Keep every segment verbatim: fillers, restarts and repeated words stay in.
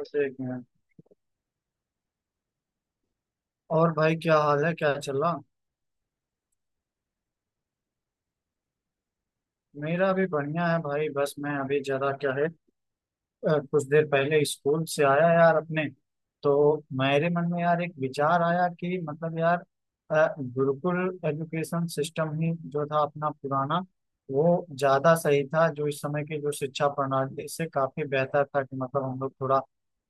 बस एक मिनट। और भाई, क्या हाल है, क्या चल रहा? मेरा भी बढ़िया है भाई। बस मैं अभी जरा, क्या है, अ, कुछ देर पहले स्कूल से आया यार। अपने तो मेरे मन में यार, एक विचार आया कि मतलब यार, अ, गुरुकुल एजुकेशन सिस्टम ही जो था अपना पुराना, वो ज्यादा सही था। जो इस समय की जो शिक्षा प्रणाली से काफी बेहतर था। कि मतलब हम लोग थोड़ा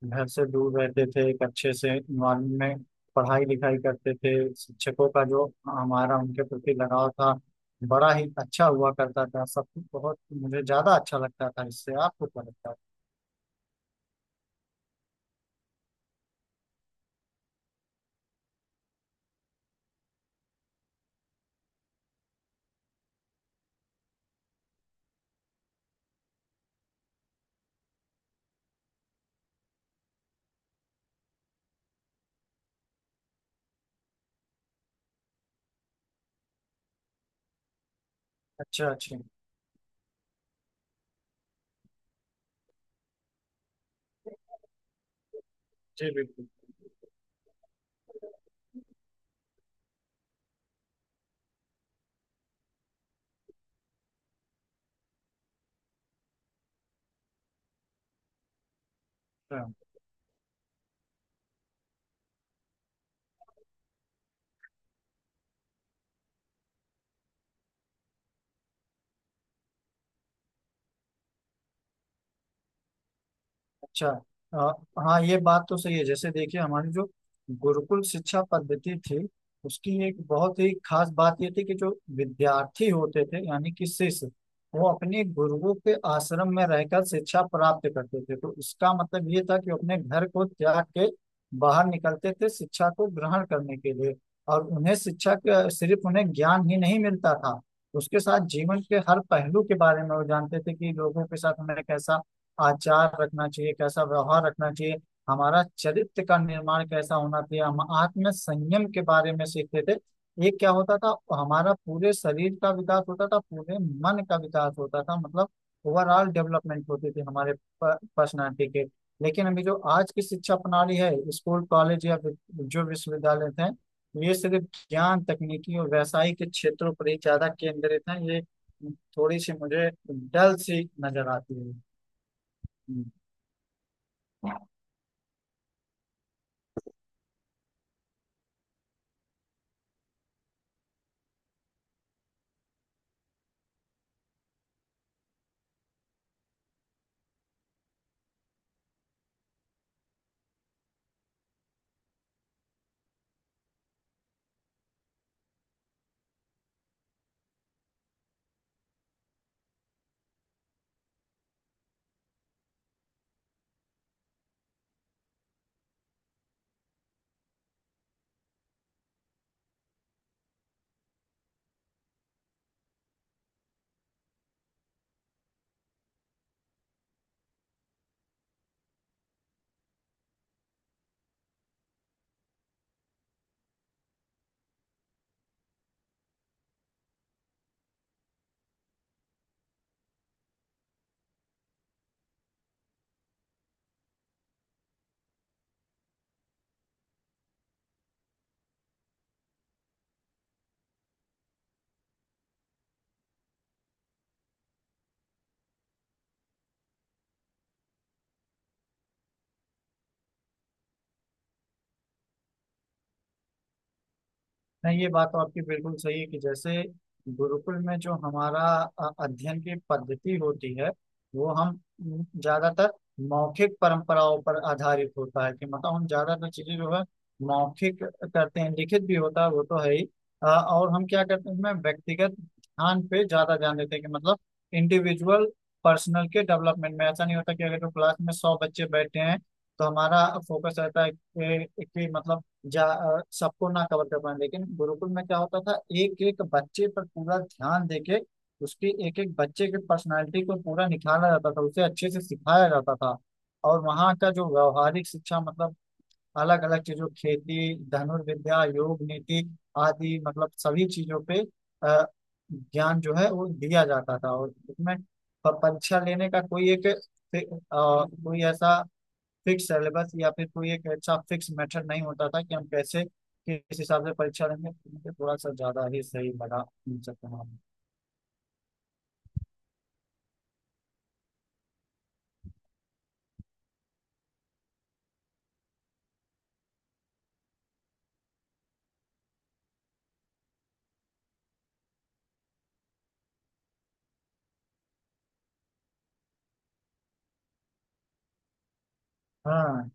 घर से दूर रहते थे, एक अच्छे से इन्वायरमेंट में पढ़ाई लिखाई करते थे। शिक्षकों का जो हमारा उनके प्रति लगाव था, बड़ा ही अच्छा हुआ करता था। सब कुछ बहुत मुझे ज्यादा अच्छा लगता था इससे। आपको क्या लगता है? अच्छा अच्छा। जी बिल्कुल। हाँ। अच्छा। अ, हाँ, ये बात तो सही है। जैसे देखिए, हमारी जो गुरुकुल शिक्षा पद्धति थी, उसकी एक बहुत ही खास बात ये थी कि जो विद्यार्थी होते थे यानी कि शिष्य, वो अपने गुरुओं के आश्रम में रहकर शिक्षा प्राप्त करते थे। तो इसका मतलब ये था कि वो अपने घर को त्याग के बाहर निकलते थे शिक्षा को ग्रहण करने के लिए। और उन्हें शिक्षा का सिर्फ उन्हें ज्ञान ही नहीं मिलता था, उसके साथ जीवन के हर पहलू के बारे में वो जानते थे कि लोगों के साथ उन्हें कैसा आचार रखना चाहिए, कैसा व्यवहार रखना चाहिए, हमारा चरित्र का निर्माण कैसा होना चाहिए। हम आत्म संयम के बारे में सीखते थे। ये क्या होता था? हमारा पूरे शरीर का विकास होता था, पूरे मन का विकास होता था। मतलब ओवरऑल डेवलपमेंट होती थी हमारे पर्सनालिटी के। लेकिन अभी जो आज की शिक्षा प्रणाली है, स्कूल, कॉलेज या वि- जो विश्वविद्यालय हैं, ये सिर्फ ज्ञान तकनीकी और व्यावसायिक के क्षेत्रों पर ही ज्यादा केंद्रित हैं। ये थोड़ी सी मुझे डल सी नजर आती है। हम्म। नहीं, ये बात तो आपकी बिल्कुल सही है। कि जैसे गुरुकुल में जो हमारा अ, अध्ययन की पद्धति होती है, वो हम ज्यादातर मौखिक परंपराओं पर आधारित होता है। कि मतलब हम ज्यादातर चीजें जो है मौखिक करते हैं, लिखित भी होता है वो तो है ही। अ, और हम क्या करते हैं, उसमें व्यक्तिगत ध्यान पे ज्यादा ध्यान देते हैं। कि मतलब इंडिविजुअल, पर्सनल के डेवलपमेंट में। ऐसा नहीं होता कि अगर जो क्लास में सौ बच्चे बैठे हैं, तो हमारा फोकस रहता है कि, कि मतलब जा अ, सबको ना कवर कर पाए। लेकिन गुरुकुल में क्या होता था, एक एक बच्चे पर पूरा ध्यान देके उसकी एक एक बच्चे की पर्सनालिटी को पूरा निखारा जाता था, उसे अच्छे से सिखाया जाता था। और वहाँ का जो व्यवहारिक शिक्षा मतलब, अलग अलग चीजों, खेती, धनुर्विद्या, योग, नीति आदि, मतलब सभी चीजों पे अ, ज्ञान जो है वो दिया जाता था। और उसमें प- परीक्षा लेने का कोई एक, अ, कोई ऐसा फिक्स सिलेबस या फिर कोई एक अच्छा फिक्स मेथड नहीं होता था कि हम कैसे किस हिसाब से परीक्षा देंगे। तो मुझे थोड़ा सा ज्यादा ही सही लगा इन सब का नाम। हाँ।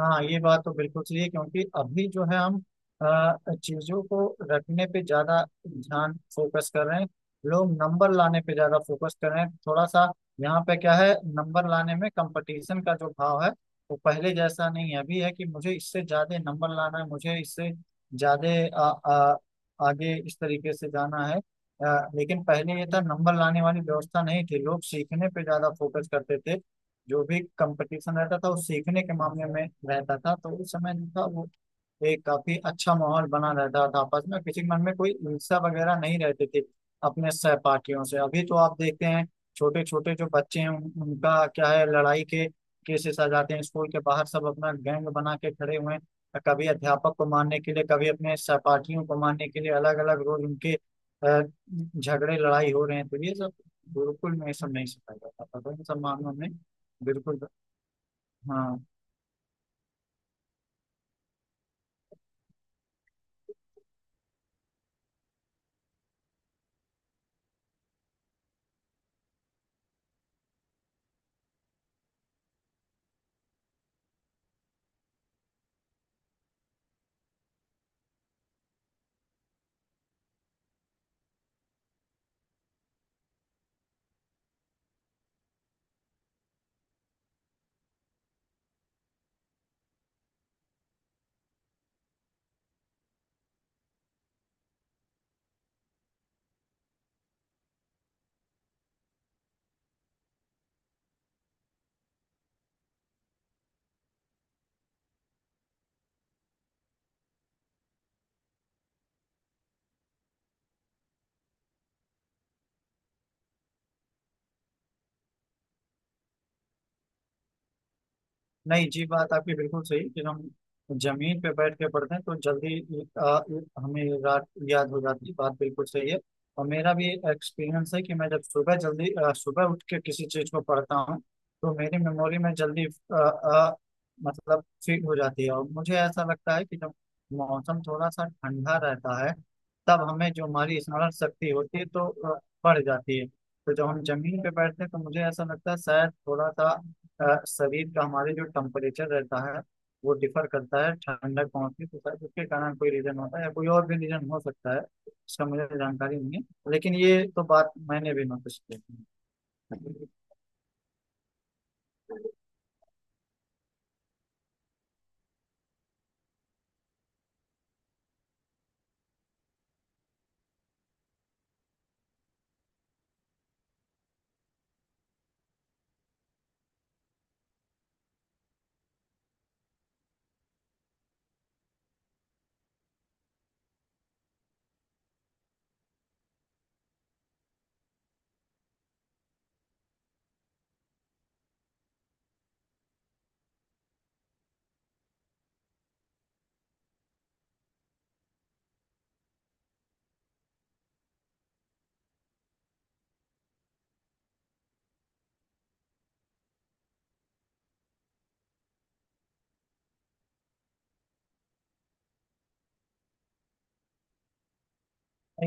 हाँ, ये बात तो बिल्कुल सही है, क्योंकि अभी जो है हम अ, चीजों को रखने पे ज्यादा ध्यान फोकस कर रहे हैं। लोग नंबर लाने पे ज्यादा फोकस कर रहे हैं थोड़ा सा। यहाँ पे क्या है, नंबर लाने में कंपटीशन का जो भाव है, वो पहले जैसा नहीं है। अभी है कि मुझे इससे ज्यादा नंबर लाना है, मुझे इससे ज्यादा अ, अ, आगे इस तरीके से जाना है। अ, लेकिन पहले ये था, नंबर लाने वाली व्यवस्था नहीं थी। लोग सीखने पे ज्यादा फोकस करते थे। जो भी कंपटीशन रहता था वो सीखने के मामले में रहता था। तो उस समय जो था वो एक काफी अच्छा माहौल बना रहता था। आपस में किसी के मन में कोई ईर्ष्या वगैरह नहीं रहती थी अपने सहपाठियों से। अभी तो आप देखते हैं, छोटे छोटे जो बच्चे हैं उन, उनका क्या है, लड़ाई के केसेस आ जाते हैं, स्कूल के बाहर सब अपना गैंग बना के खड़े हुए हैं, कभी अध्यापक को मारने के लिए, कभी अपने सहपाठियों को मारने के लिए, अलग अलग रोज उनके अ, झगड़े लड़ाई हो रहे हैं। तो ये सब गुरुकुल में ये सब नहीं सिखाया जाता था। तो इन सब मामलों में बिल्कुल। हाँ। नहीं जी, बात आपकी बिल्कुल सही। फिर हम जमीन पे बैठ के पढ़ते हैं तो जल्दी आ, हमें रात याद हो जाती है, बात बिल्कुल सही है। और मेरा भी एक्सपीरियंस है कि मैं जब सुबह जल्दी, आ, सुबह उठ के किसी चीज को पढ़ता हूँ, तो मेरी मेमोरी में जल्दी आ, आ, मतलब फिट हो जाती है। और मुझे ऐसा लगता है कि जब मौसम थोड़ा सा ठंडा रहता है, तब हमें जो हमारी स्मरण शक्ति होती है तो आ, बढ़ जाती है। तो जब हम जमीन पे बैठते हैं तो मुझे ऐसा लगता है शायद थोड़ा सा अ, शरीर का हमारे जो टेम्परेचर रहता है वो डिफर करता है, ठंडक पहुंचती है, तो शायद उसके कारण कोई रीजन होता है, या कोई और भी रीजन हो सकता है। इसका मुझे जानकारी नहीं है, लेकिन ये तो बात मैंने भी नोटिस की है।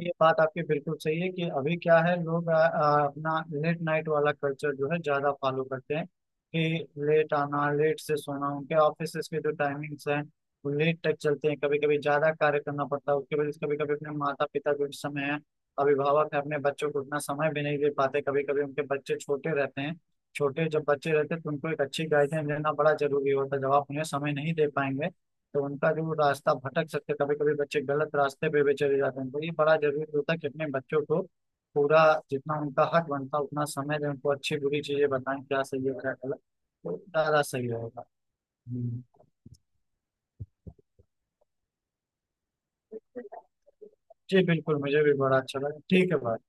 ये बात आपकी बिल्कुल सही है कि अभी क्या है, लोग अ, अ, अपना लेट नाइट वाला कल्चर जो है ज्यादा फॉलो करते हैं। कि लेट आना, लेट से सोना, उनके ऑफिस के जो टाइमिंग्स हैं वो लेट तक चलते हैं, कभी कभी ज्यादा कार्य करना पड़ता है। उसके वजह से कभी कभी अपने माता पिता जो इस समय है, अभिभावक है, अपने बच्चों को उतना समय भी नहीं दे पाते। कभी कभी उनके बच्चे छोटे रहते हैं। छोटे जब बच्चे रहते हैं तो उनको एक अच्छी गाइडेंस देना बड़ा जरूरी होता है। जब आप उन्हें समय नहीं दे पाएंगे तो उनका जो रास्ता भटक सकते, कभी कभी बच्चे गलत रास्ते पे भी चले जाते हैं। तो ये बड़ा जरूरी होता है कि अपने बच्चों को पूरा, जितना उनका हक बनता है उतना समय दें, उनको अच्छी बुरी चीजें बताएं, क्या सही है क्या गलत, तो ज्यादा सही रहेगा। हम्म। जी बिल्कुल, मुझे भी बड़ा अच्छा लगा। ठीक है भाई।